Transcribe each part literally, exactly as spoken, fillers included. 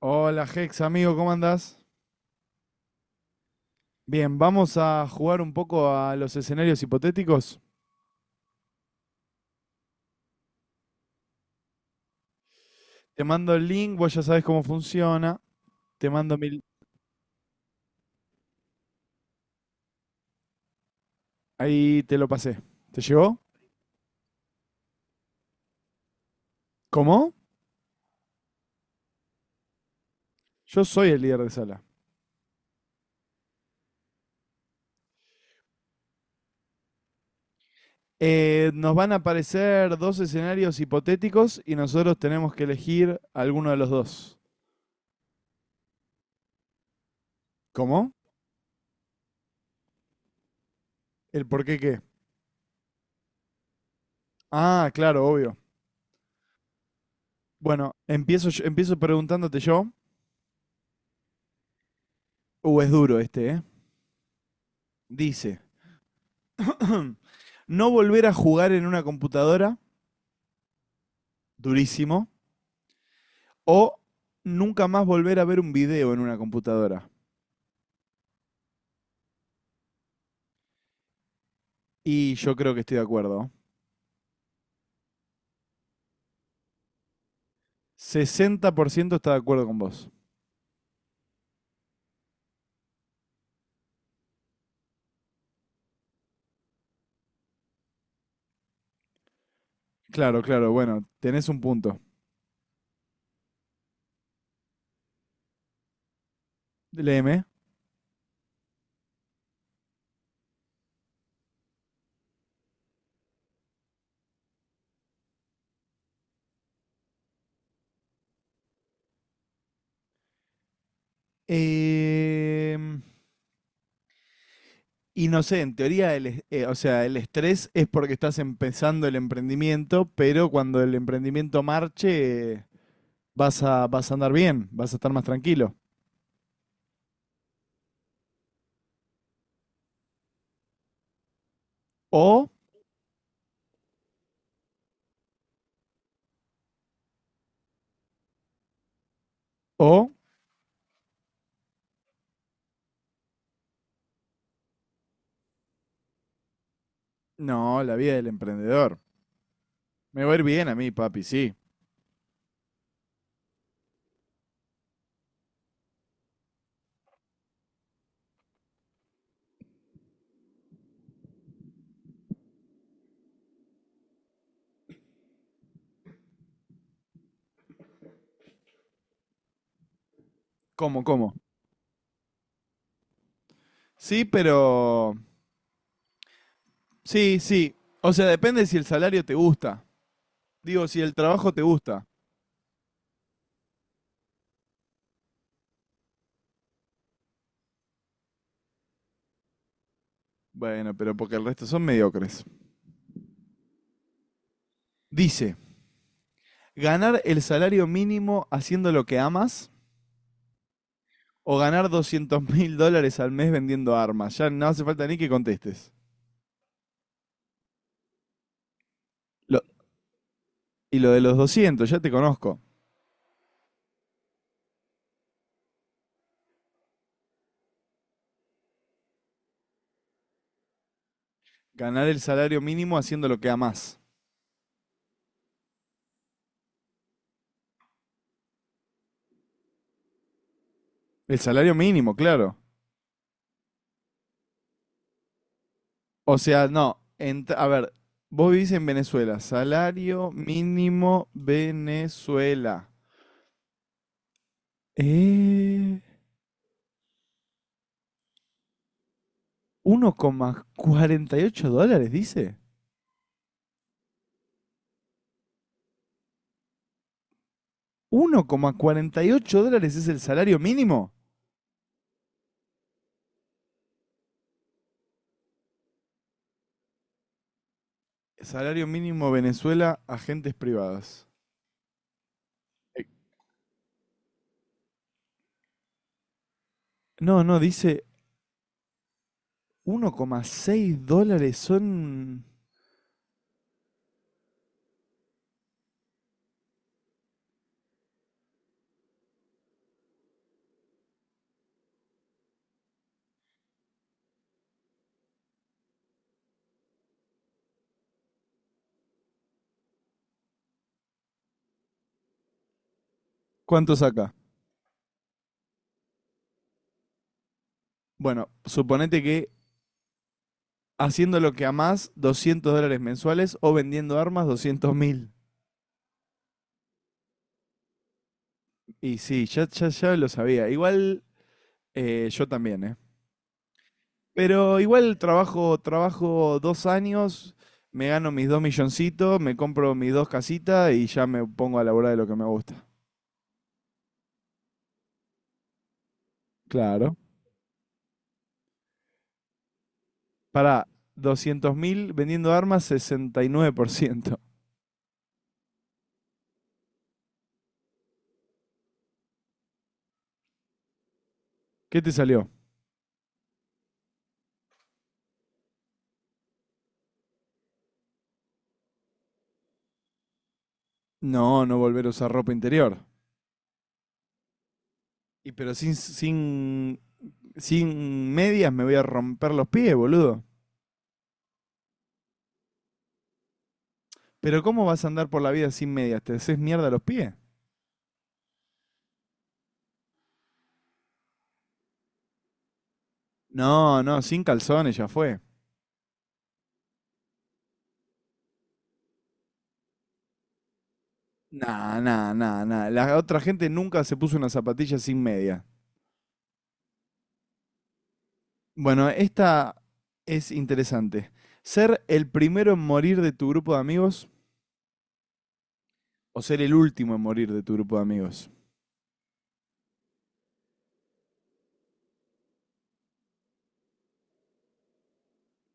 Hola Hex, amigo, ¿cómo andás? Bien, vamos a jugar un poco a los escenarios hipotéticos. Te mando el link, vos ya sabés cómo funciona. Te mando mi... Ahí te lo pasé. ¿Te llegó? ¿Cómo? Yo soy el líder de sala. Eh, nos van a aparecer dos escenarios hipotéticos y nosotros tenemos que elegir alguno de los dos. ¿Cómo? ¿El por qué qué? Ah, claro, obvio. Bueno, empiezo, yo- empiezo preguntándote yo. Uh, es duro este, ¿eh? Dice, no volver a jugar en una computadora, durísimo, o nunca más volver a ver un video en una computadora. Y yo creo que estoy de acuerdo. Sesenta por ciento está de acuerdo con vos. Claro, claro, bueno, tenés un punto. Léeme. Em, y no sé, en teoría, el, eh, o sea, el estrés es porque estás empezando el emprendimiento, pero cuando el emprendimiento marche, eh, vas a, vas a andar bien, vas a estar más tranquilo. O, o No, la vida del emprendedor. Me va a ir bien a mí, papi, sí. ¿Cómo, cómo? Sí, pero... Sí, sí. O sea, depende si el salario te gusta. Digo, si el trabajo te gusta. Bueno, pero porque el resto son mediocres. Dice, ganar el salario mínimo haciendo lo que amas o ganar doscientos mil dólares al mes vendiendo armas. Ya no hace falta ni que contestes. Lo- y lo de los doscientos ya te conozco. Ganar el salario mínimo haciendo lo que amas. El salario mínimo, claro. O sea, no. Ent- a ver, vos vivís en Venezuela. Salario mínimo Venezuela. Eh, Uno coma cuarenta y ocho dólares, dice. Uno coma cuarenta y ocho dólares es el salario mínimo. Salario mínimo Venezuela, agentes privadas. Eh, No, no, dice uno coma seis dólares son... ¿Cuánto saca? Bueno, suponete que haciendo lo que amás, doscientos dólares mensuales o vendiendo armas, doscientos mil. Y sí, ya, ya, ya lo sabía. Igual eh, yo también, ¿eh? Pero igual trabajo, trabajo dos años, me gano mis dos milloncitos, me compro mis dos casitas y ya me pongo a laburar de lo que me gusta. Claro. Para doscientos mil vendiendo armas, sesenta y nueve por ciento. ¿Qué te salió? No, no volver a usar ropa interior. Y pero sin, sin, sin medias me voy a romper los pies, boludo. Pero ¿cómo vas a andar por la vida sin medias? ¿Te haces mierda los pies? No, no, sin calzones ya fue. Nah, nah, nah, nah. La otra gente nunca se puso una zapatilla sin media. Bueno, esta es interesante. ¿Ser el primero en morir de tu grupo de amigos o ser el último en morir de tu grupo de amigos?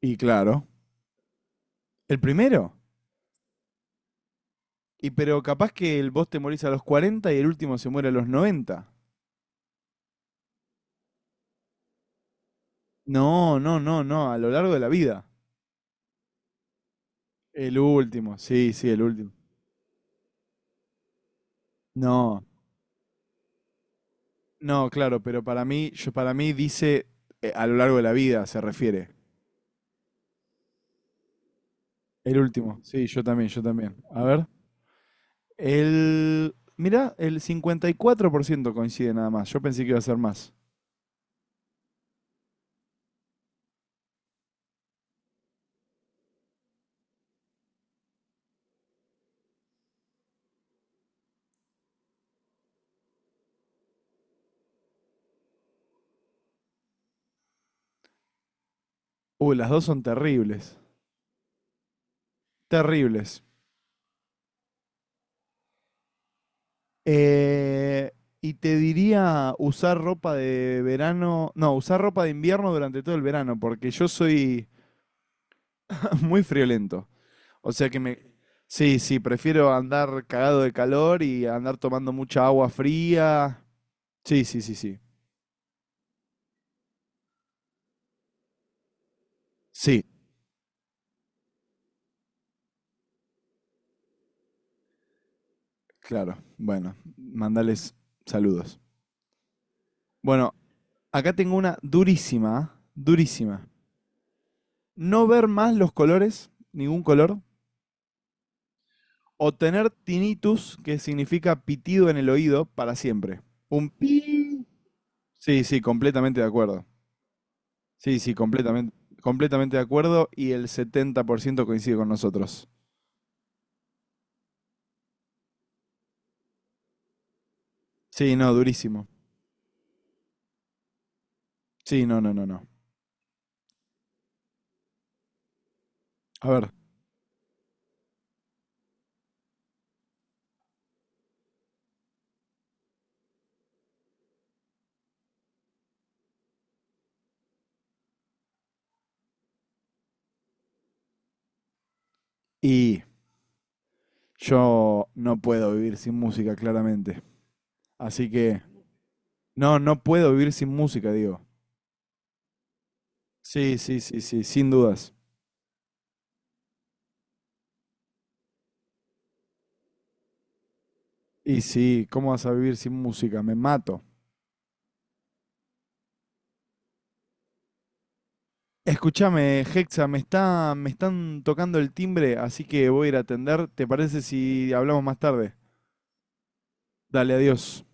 Y claro, ¿el primero? Y pero capaz que el vos te morís a los cuarenta y el último se muere a los noventa. No, no, no, no, a lo largo de la vida. El último, sí, sí, el último. No. No, claro, pero para mí, yo, para mí dice eh, a lo largo de la vida, se refiere. El último, sí, yo también, yo también. A ver. El. Mirá, el cincuenta y cuatro por ciento coincide nada más. Yo pensé que iba a ser más. Uy, las dos son terribles. Terribles. Eh, y te diría usar ropa de verano. No, usar ropa de invierno durante todo el verano, porque yo soy muy friolento. O sea que me... Sí, sí, prefiero andar cagado de calor y andar tomando mucha agua fría. Sí, sí, sí, sí. Sí, claro. Bueno, mandales saludos. Bueno, acá tengo una durísima, ¿ah? Durísima. No ver más los colores, ningún color, o tener tinnitus, que significa pitido en el oído, para siempre. Un pi. Sí, sí, completamente de acuerdo. Sí, sí, completamente, completamente de acuerdo y el setenta por ciento coincide con nosotros. Sí, no, durísimo. Sí, no, no, no, no. A ver, y yo no puedo vivir sin música, claramente. Así que, no, no puedo vivir sin música, digo. Sí, sí, sí, sí, sin dudas. Y sí, ¿cómo vas a vivir sin música? Me mato. Escúchame, Hexa, me está, me están tocando el timbre, así que voy a ir a atender. ¿Te parece si hablamos más tarde? Dale, adiós.